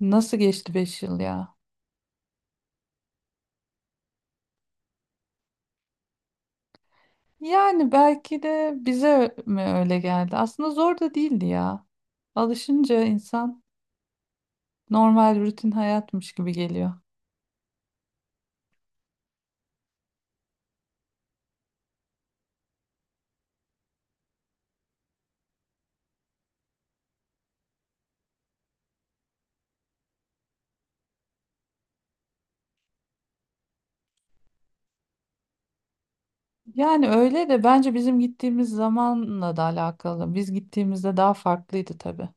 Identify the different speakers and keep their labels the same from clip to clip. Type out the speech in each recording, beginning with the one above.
Speaker 1: Nasıl geçti 5 yıl ya? Yani belki de bize mi öyle geldi? Aslında zor da değildi ya. Alışınca insan normal rutin hayatmış gibi geliyor. Yani öyle de bence bizim gittiğimiz zamanla da alakalı. Biz gittiğimizde daha farklıydı tabii.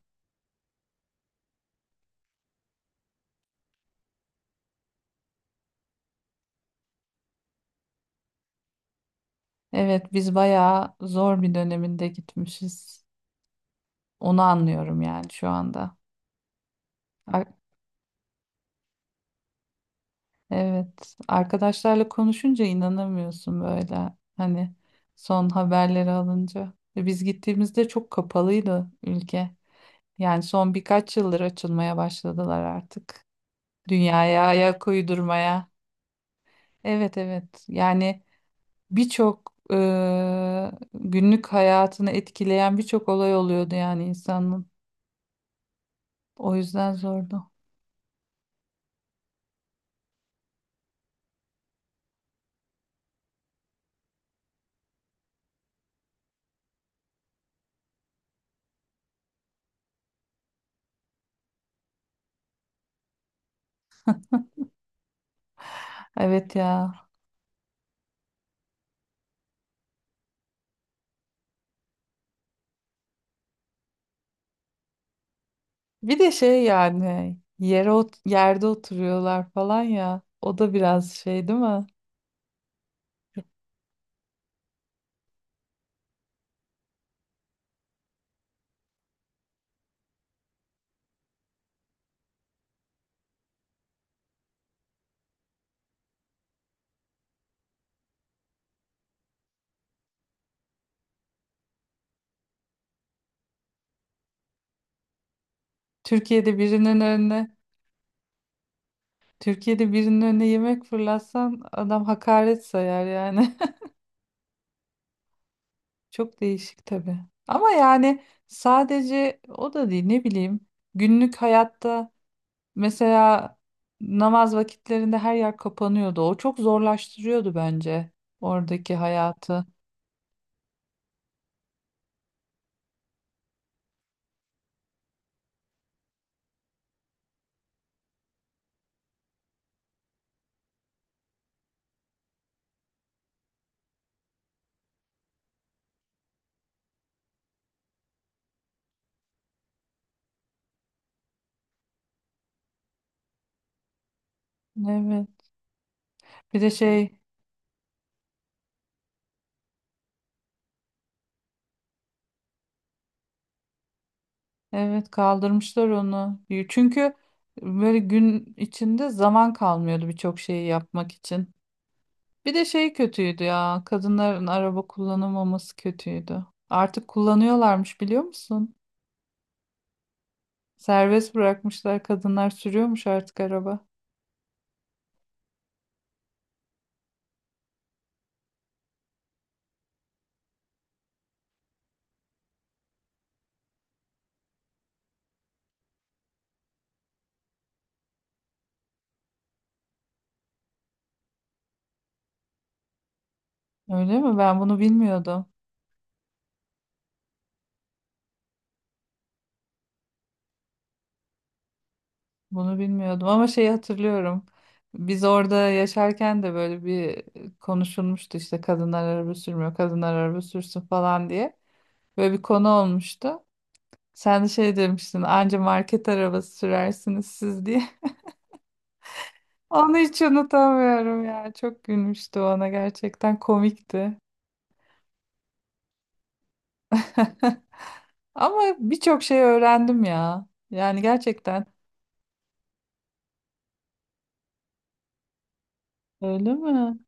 Speaker 1: Evet, biz bayağı zor bir döneminde gitmişiz. Onu anlıyorum yani şu anda. Evet, arkadaşlarla konuşunca inanamıyorsun böyle. Hani son haberleri alınca. Ve biz gittiğimizde çok kapalıydı ülke. Yani son birkaç yıldır açılmaya başladılar artık. Dünyaya ayak uydurmaya. Evet, evet. Yani birçok günlük hayatını etkileyen birçok olay oluyordu yani insanın. O yüzden zordu. Evet ya. Bir de şey yani yerde oturuyorlar falan ya. O da biraz şey değil mi? Türkiye'de birinin önüne Türkiye'de birinin önüne yemek fırlatsan adam hakaret sayar yani. Çok değişik tabii. Ama yani sadece o da değil, ne bileyim. Günlük hayatta mesela namaz vakitlerinde her yer kapanıyordu. O çok zorlaştırıyordu bence oradaki hayatı. Evet. Bir de şey. Evet, kaldırmışlar onu. Çünkü böyle gün içinde zaman kalmıyordu birçok şeyi yapmak için. Bir de şey kötüydü ya. Kadınların araba kullanamaması kötüydü. Artık kullanıyorlarmış, biliyor musun? Serbest bırakmışlar, kadınlar sürüyormuş artık araba. Öyle mi? Ben bunu bilmiyordum. Bunu bilmiyordum ama şeyi hatırlıyorum. Biz orada yaşarken de böyle bir konuşulmuştu, işte kadınlar araba sürmüyor, kadınlar araba sürsün falan diye. Böyle bir konu olmuştu. Sen de şey demiştin, anca market arabası sürersiniz siz diye. Onu hiç unutamıyorum ya. Çok gülmüştü, ona gerçekten komikti. Ama birçok şey öğrendim ya. Yani gerçekten. Öyle mi?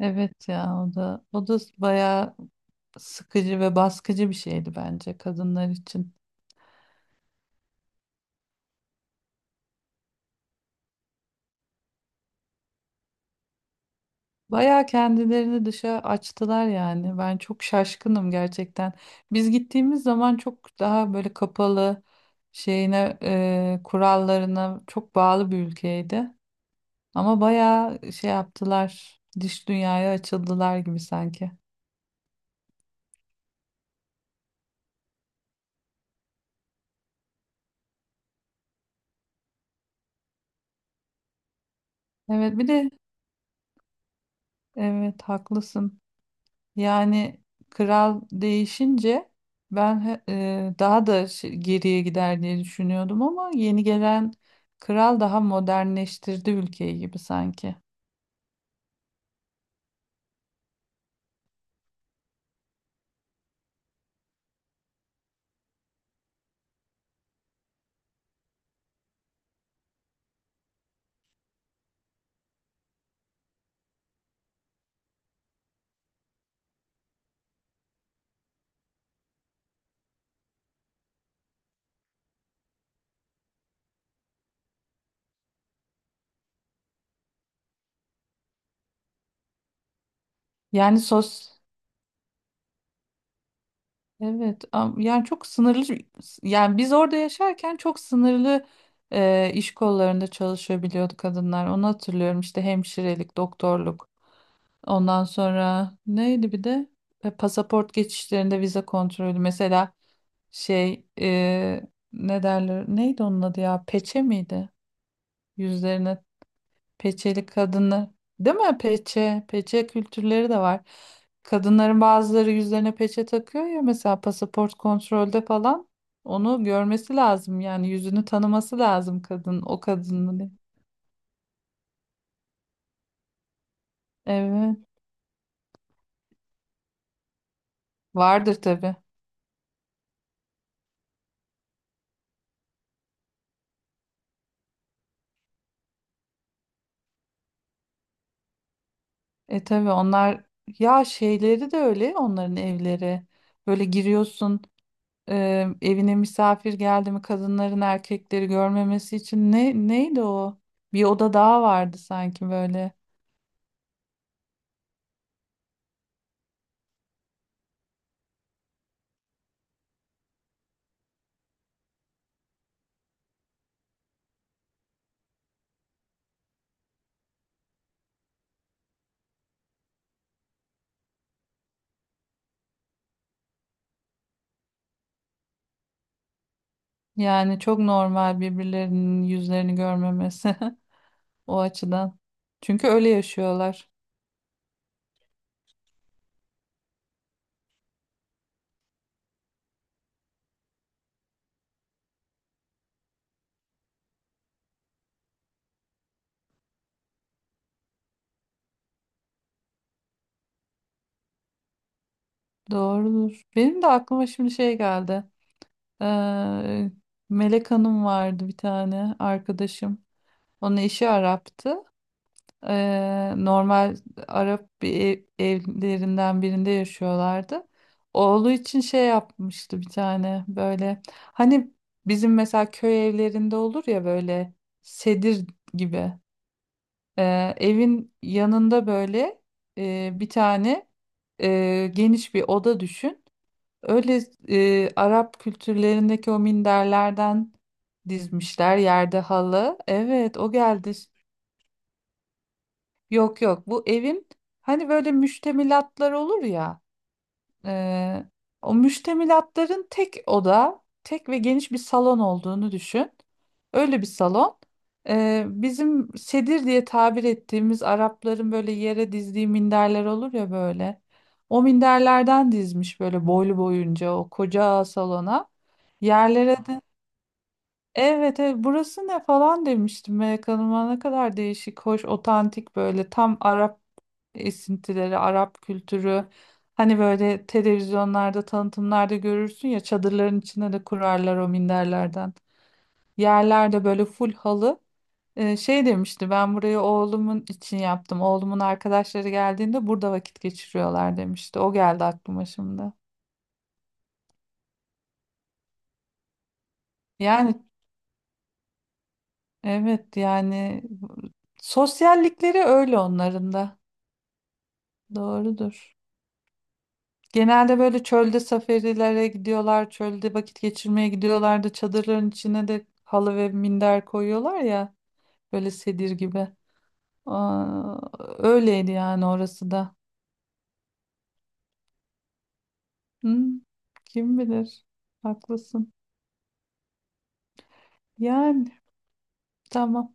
Speaker 1: Evet ya, o da bayağı sıkıcı ve baskıcı bir şeydi bence kadınlar için. Bayağı kendilerini dışa açtılar yani. Ben çok şaşkınım gerçekten. Biz gittiğimiz zaman çok daha böyle kapalı şeyine, kurallarına çok bağlı bir ülkeydi. Ama bayağı şey yaptılar. Dış dünyaya açıldılar gibi sanki. Evet, bir de evet, haklısın. Yani kral değişince ben daha da geriye gider diye düşünüyordum ama yeni gelen kral daha modernleştirdi ülkeyi gibi sanki. Yani evet, yani çok sınırlı, yani biz orada yaşarken çok sınırlı iş kollarında çalışabiliyordu kadınlar. Onu hatırlıyorum, işte hemşirelik, doktorluk. Ondan sonra neydi, bir de pasaport geçişlerinde vize kontrolü mesela. Şey ne derler? Neydi onun adı ya? Peçe miydi? Yüzlerine peçeli kadınlar. Değil mi? Peçe. Peçe kültürleri de var. Kadınların bazıları yüzlerine peçe takıyor ya mesela pasaport kontrolde falan. Onu görmesi lazım, yani yüzünü tanıması lazım kadın o kadının. Evet. Vardır tabii. E tabii onlar, ya şeyleri de öyle onların evleri. Böyle giriyorsun. Evine misafir geldi mi kadınların erkekleri görmemesi için neydi o? Bir oda daha vardı sanki böyle. Yani çok normal birbirlerinin yüzlerini görmemesi o açıdan. Çünkü öyle yaşıyorlar. Doğrudur. Benim de aklıma şimdi şey geldi. Ee, Melek Hanım vardı bir tane arkadaşım. Onun eşi Arap'tı. Normal Arap bir evlerinden birinde yaşıyorlardı. Oğlu için şey yapmıştı bir tane böyle. Hani bizim mesela köy evlerinde olur ya, böyle sedir gibi. Evin yanında böyle bir tane geniş bir oda düşün. Öyle Arap kültürlerindeki o minderlerden dizmişler, yerde halı. Evet, o geldi. Yok yok, bu evin hani böyle müştemilatlar olur ya, eee, o müştemilatların tek oda, tek ve geniş bir salon olduğunu düşün. Öyle bir salon. Bizim sedir diye tabir ettiğimiz Arapların böyle yere dizdiği minderler olur ya böyle. O minderlerden dizmiş böyle boylu boyunca o koca salona. Yerlere de evet, evet, burası ne falan demiştim Melek Hanım'a, ne kadar değişik, hoş, otantik, böyle tam Arap esintileri, Arap kültürü. Hani böyle televizyonlarda, tanıtımlarda görürsün ya çadırların içine de kurarlar, o minderlerden. Yerlerde böyle full halı. Şey demişti, ben burayı oğlumun için yaptım. Oğlumun arkadaşları geldiğinde burada vakit geçiriyorlar demişti. O geldi aklıma şimdi. Yani, evet yani sosyallikleri öyle onların da. Doğrudur. Genelde böyle çölde safarilere gidiyorlar, çölde vakit geçirmeye gidiyorlardı. Çadırların içine de halı ve minder koyuyorlar ya, böyle sedir gibi. Aa, öyleydi yani orası da. Hı, kim bilir? Haklısın. Yani tamam.